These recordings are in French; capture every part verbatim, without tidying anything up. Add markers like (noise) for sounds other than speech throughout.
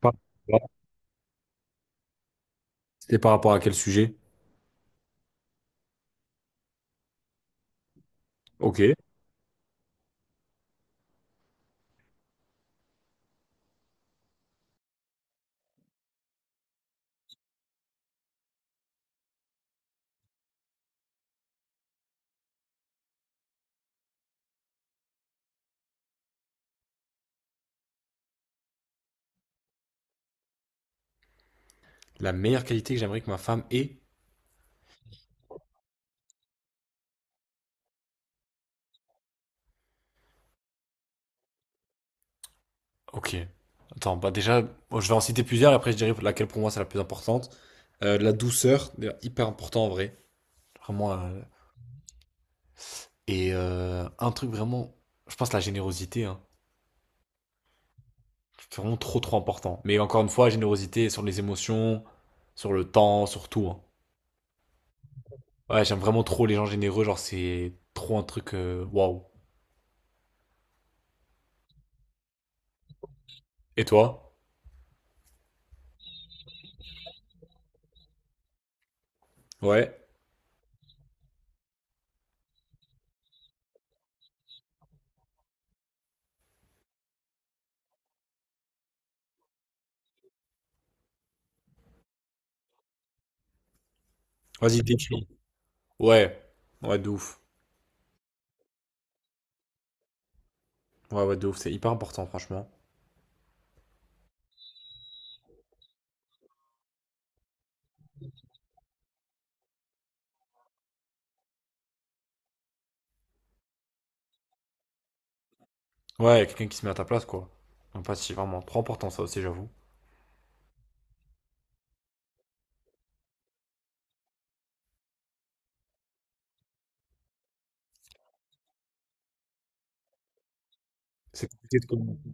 Par- C'était par rapport à quel sujet? Ok. La meilleure qualité que j'aimerais que ma femme ait? Ok. Attends, bah déjà, bon, je vais en citer plusieurs, et après je dirai laquelle pour moi c'est la plus importante. Euh, la douceur, d'ailleurs, hyper important en vrai. Vraiment. euh, Et euh, un truc vraiment, je pense la générosité. Hein. C'est vraiment trop trop important. Mais encore une fois, générosité sur les émotions, sur le temps, sur tout. Hein. Ouais, j'aime vraiment trop les gens généreux, genre c'est trop un truc euh, waouh. Et toi? Ouais. Vas-y, décris. Ouais. Ouais, de ouf. Ouais, ouais, de ouf, c'est hyper important, franchement. Ouais, y a quelqu'un qui se met à ta place, quoi. L'empathie, vraiment, trop important, ça aussi, j'avoue. C'est compliqué de communiquer.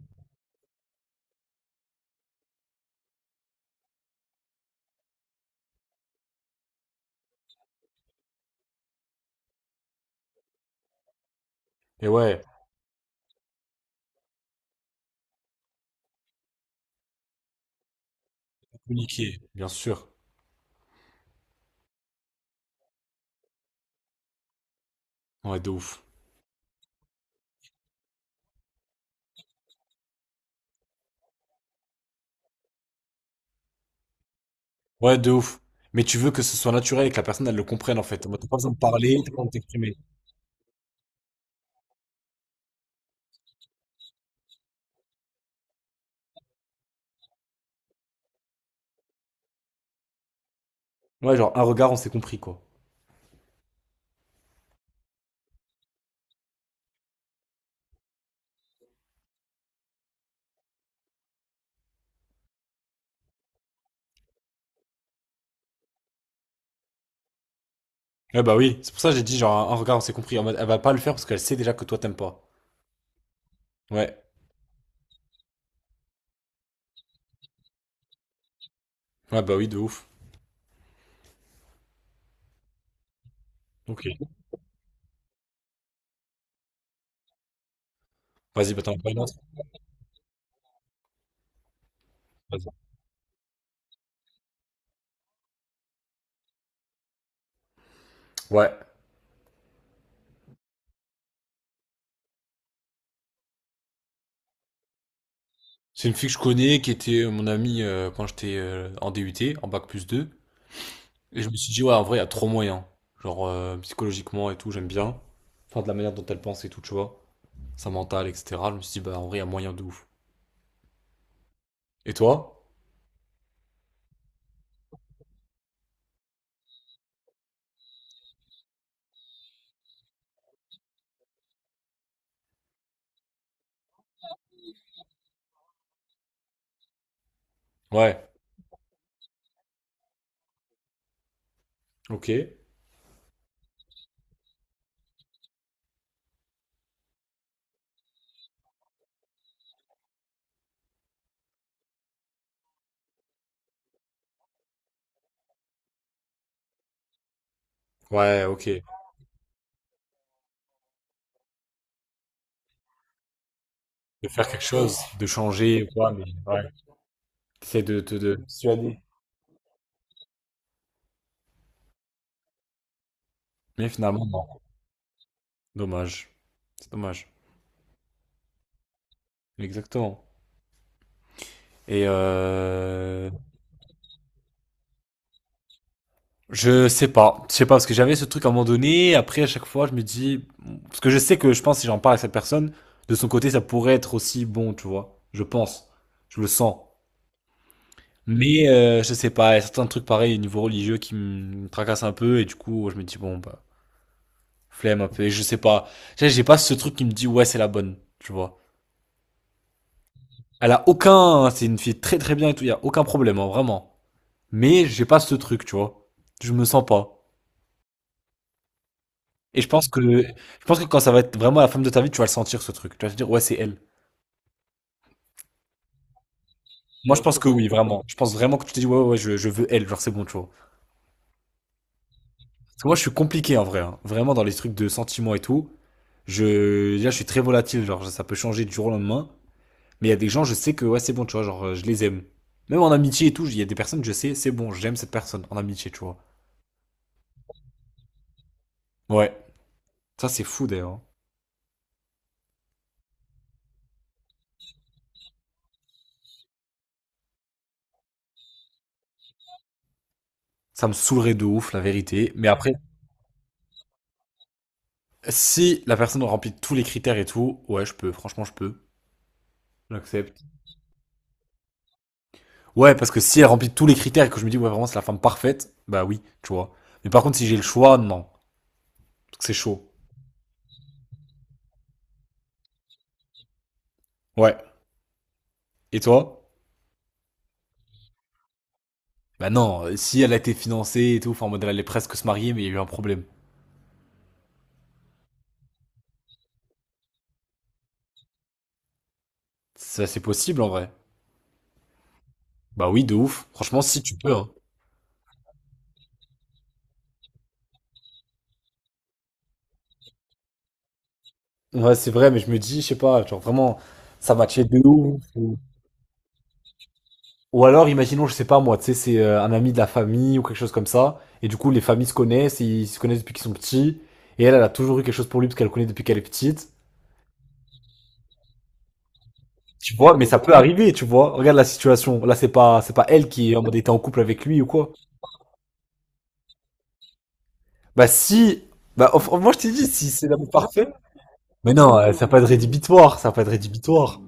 Et ouais, communiquer, bien sûr. Ouais, de ouf. Ouais, de ouf. Mais tu veux que ce soit naturel et que la personne, elle le comprenne, en fait. En mode, T'as pas besoin de parler, t'as pas besoin de t'exprimer. Ouais, genre, un regard, on s'est compris, quoi. Ouais, bah oui, c'est pour ça que j'ai dit, genre, un regard, on s'est compris. En mode, elle va pas le faire parce qu'elle sait déjà que toi, t'aimes pas. Ouais. Ouais, bah oui, de ouf. Ok. Vas-y, bah t'en as pas une autre? Vas-y. Ouais. C'est une fille que je connais qui était euh, mon amie euh, quand j'étais euh, en D U T, en bac plus deux. Et je me suis dit, ouais, en vrai, il y a trop moyen. Genre, euh, psychologiquement et tout, j'aime bien. Enfin, de la manière dont elle pense et tout, tu vois. Sa mentale, et cetera. Je me suis dit, bah, en vrai, il y a moyen de ouf. Et toi? Ouais. Ok. Ouais, ok. De faire quelque chose, de changer, quoi. T'essaies de te... De... de persuader. Mais finalement, non. Dommage. C'est dommage. Exactement. Et euh... Je sais pas, je sais pas parce que j'avais ce truc à un moment donné. Après, à chaque fois, je me dis parce que je sais que je pense si j'en parle à cette personne, de son côté, ça pourrait être aussi bon, tu vois. Je pense, je le sens. Mais euh, je sais pas, il y a certains trucs pareils au niveau religieux qui me tracassent un peu et du coup, je me dis bon bah flemme un peu. Et je sais pas, Tu j'ai pas ce truc qui me dit ouais c'est la bonne, tu vois. Elle a aucun, hein, c'est une fille très très bien et tout, il y a aucun problème, hein, vraiment. Mais j'ai pas ce truc, tu vois. Je me sens pas. Et je pense que, je pense que quand ça va être vraiment la femme de ta vie, tu vas le sentir ce truc. Tu vas te dire, ouais, c'est elle. Moi, je pense que oui, vraiment. Je pense vraiment que tu te dis, ouais, ouais, ouais je, je veux elle, genre c'est bon, tu vois. Parce que moi, je suis compliqué en vrai. Hein. Vraiment, dans les trucs de sentiments et tout, je, là, je suis très volatile, genre ça peut changer du jour au lendemain. Mais il y a des gens, je sais que, ouais, c'est bon, tu vois, genre euh, je les aime. Même en amitié et tout, il y a des personnes, je sais, c'est bon, j'aime cette personne en amitié, tu vois. Ouais. Ça, c'est fou d'ailleurs. Hein. Ça me saoulerait de ouf, la vérité. Mais après, si la personne remplit tous les critères et tout, ouais, je peux, franchement, je peux. J'accepte. Ouais, parce que si elle remplit tous les critères et que je me dis, ouais, vraiment, c'est la femme parfaite, bah oui, tu vois. Mais par contre, si j'ai le choix, non. Parce que C'est chaud. Ouais. Et toi? Bah non, euh, si elle a été financée et tout, enfin, en mode, elle allait presque se marier, mais il y a eu un problème. Ça, c'est possible, en vrai. Bah oui, de ouf. Franchement, si tu peux, hein. Ouais, c'est vrai, mais je me dis, je sais pas, genre vraiment, ça matchait de ouf. Ou... ou alors, imaginons, je sais pas moi, tu sais, c'est euh, un ami de la famille ou quelque chose comme ça. Et du coup, les familles se connaissent, ils se connaissent depuis qu'ils sont petits. Et elle, elle a toujours eu quelque chose pour lui parce qu'elle le connaît depuis qu'elle est petite. Tu vois, mais ça peut arriver, tu vois. Regarde la situation. Là, c'est pas, c'est pas elle qui est en mode était en couple avec lui ou quoi. Bah si, bah enfin, moi je t'ai dit si c'est l'amour parfait. Mais non, euh, ça va pas être rédhibitoire, ça va pas être rédhibitoire.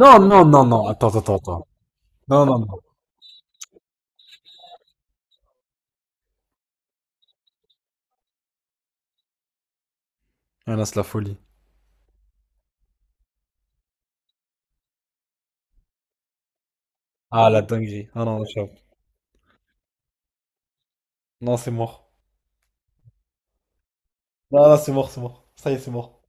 Non, non, non, non. Attends, attends, attends. Non, non, non. Ah là, c'est la folie. Ah la dinguerie. Ah non, j'avoue. Non, c'est mort. Non, non, c'est mort, c'est mort. Ça y est, c'est mort.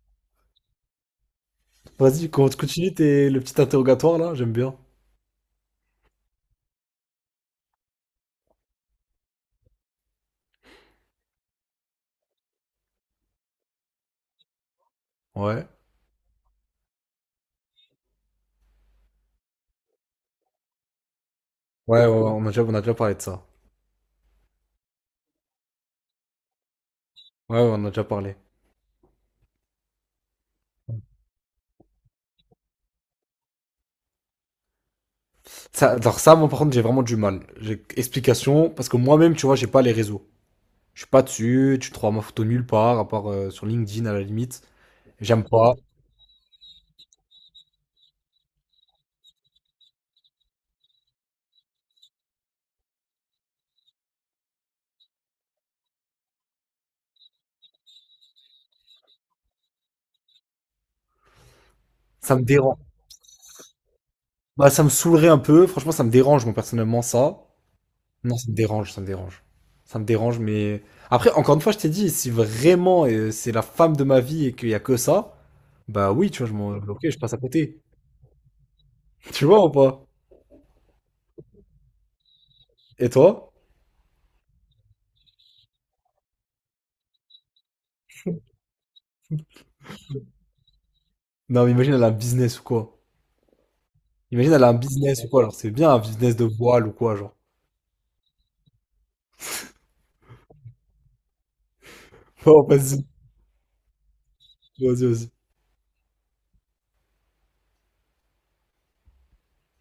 Vas-y, con- continue tes, le petit interrogatoire là. J'aime bien. Ouais. Ouais, ouais, ouais, on a déjà, on a déjà parlé de ça. Ouais, ouais, on a déjà parlé. Ça, alors ça, moi par contre, j'ai vraiment du mal. J'ai- Explication, parce que moi-même, tu vois, j'ai pas les réseaux. Je suis pas dessus, tu trouveras ma photo nulle part, à part euh, sur LinkedIn à la limite. J'aime pas. Ça me dérange. Bah, ça me saoulerait un peu. Franchement, ça me dérange, moi, personnellement, ça. Non, ça me dérange, ça me dérange. Ça me dérange, mais... Après, encore une fois, je t'ai dit, si vraiment euh, c'est la femme de ma vie et qu'il y a que ça, bah oui, tu vois, je m'en... Ok, je passe à côté. (laughs) Tu vois ou pas? Et toi? Non, mais imagine, elle a un business ou quoi? Imagine, elle a un business ou quoi, alors c'est bien un business de voile ou quoi, genre. (laughs) Oh, vas-y, vas-y, vas-y.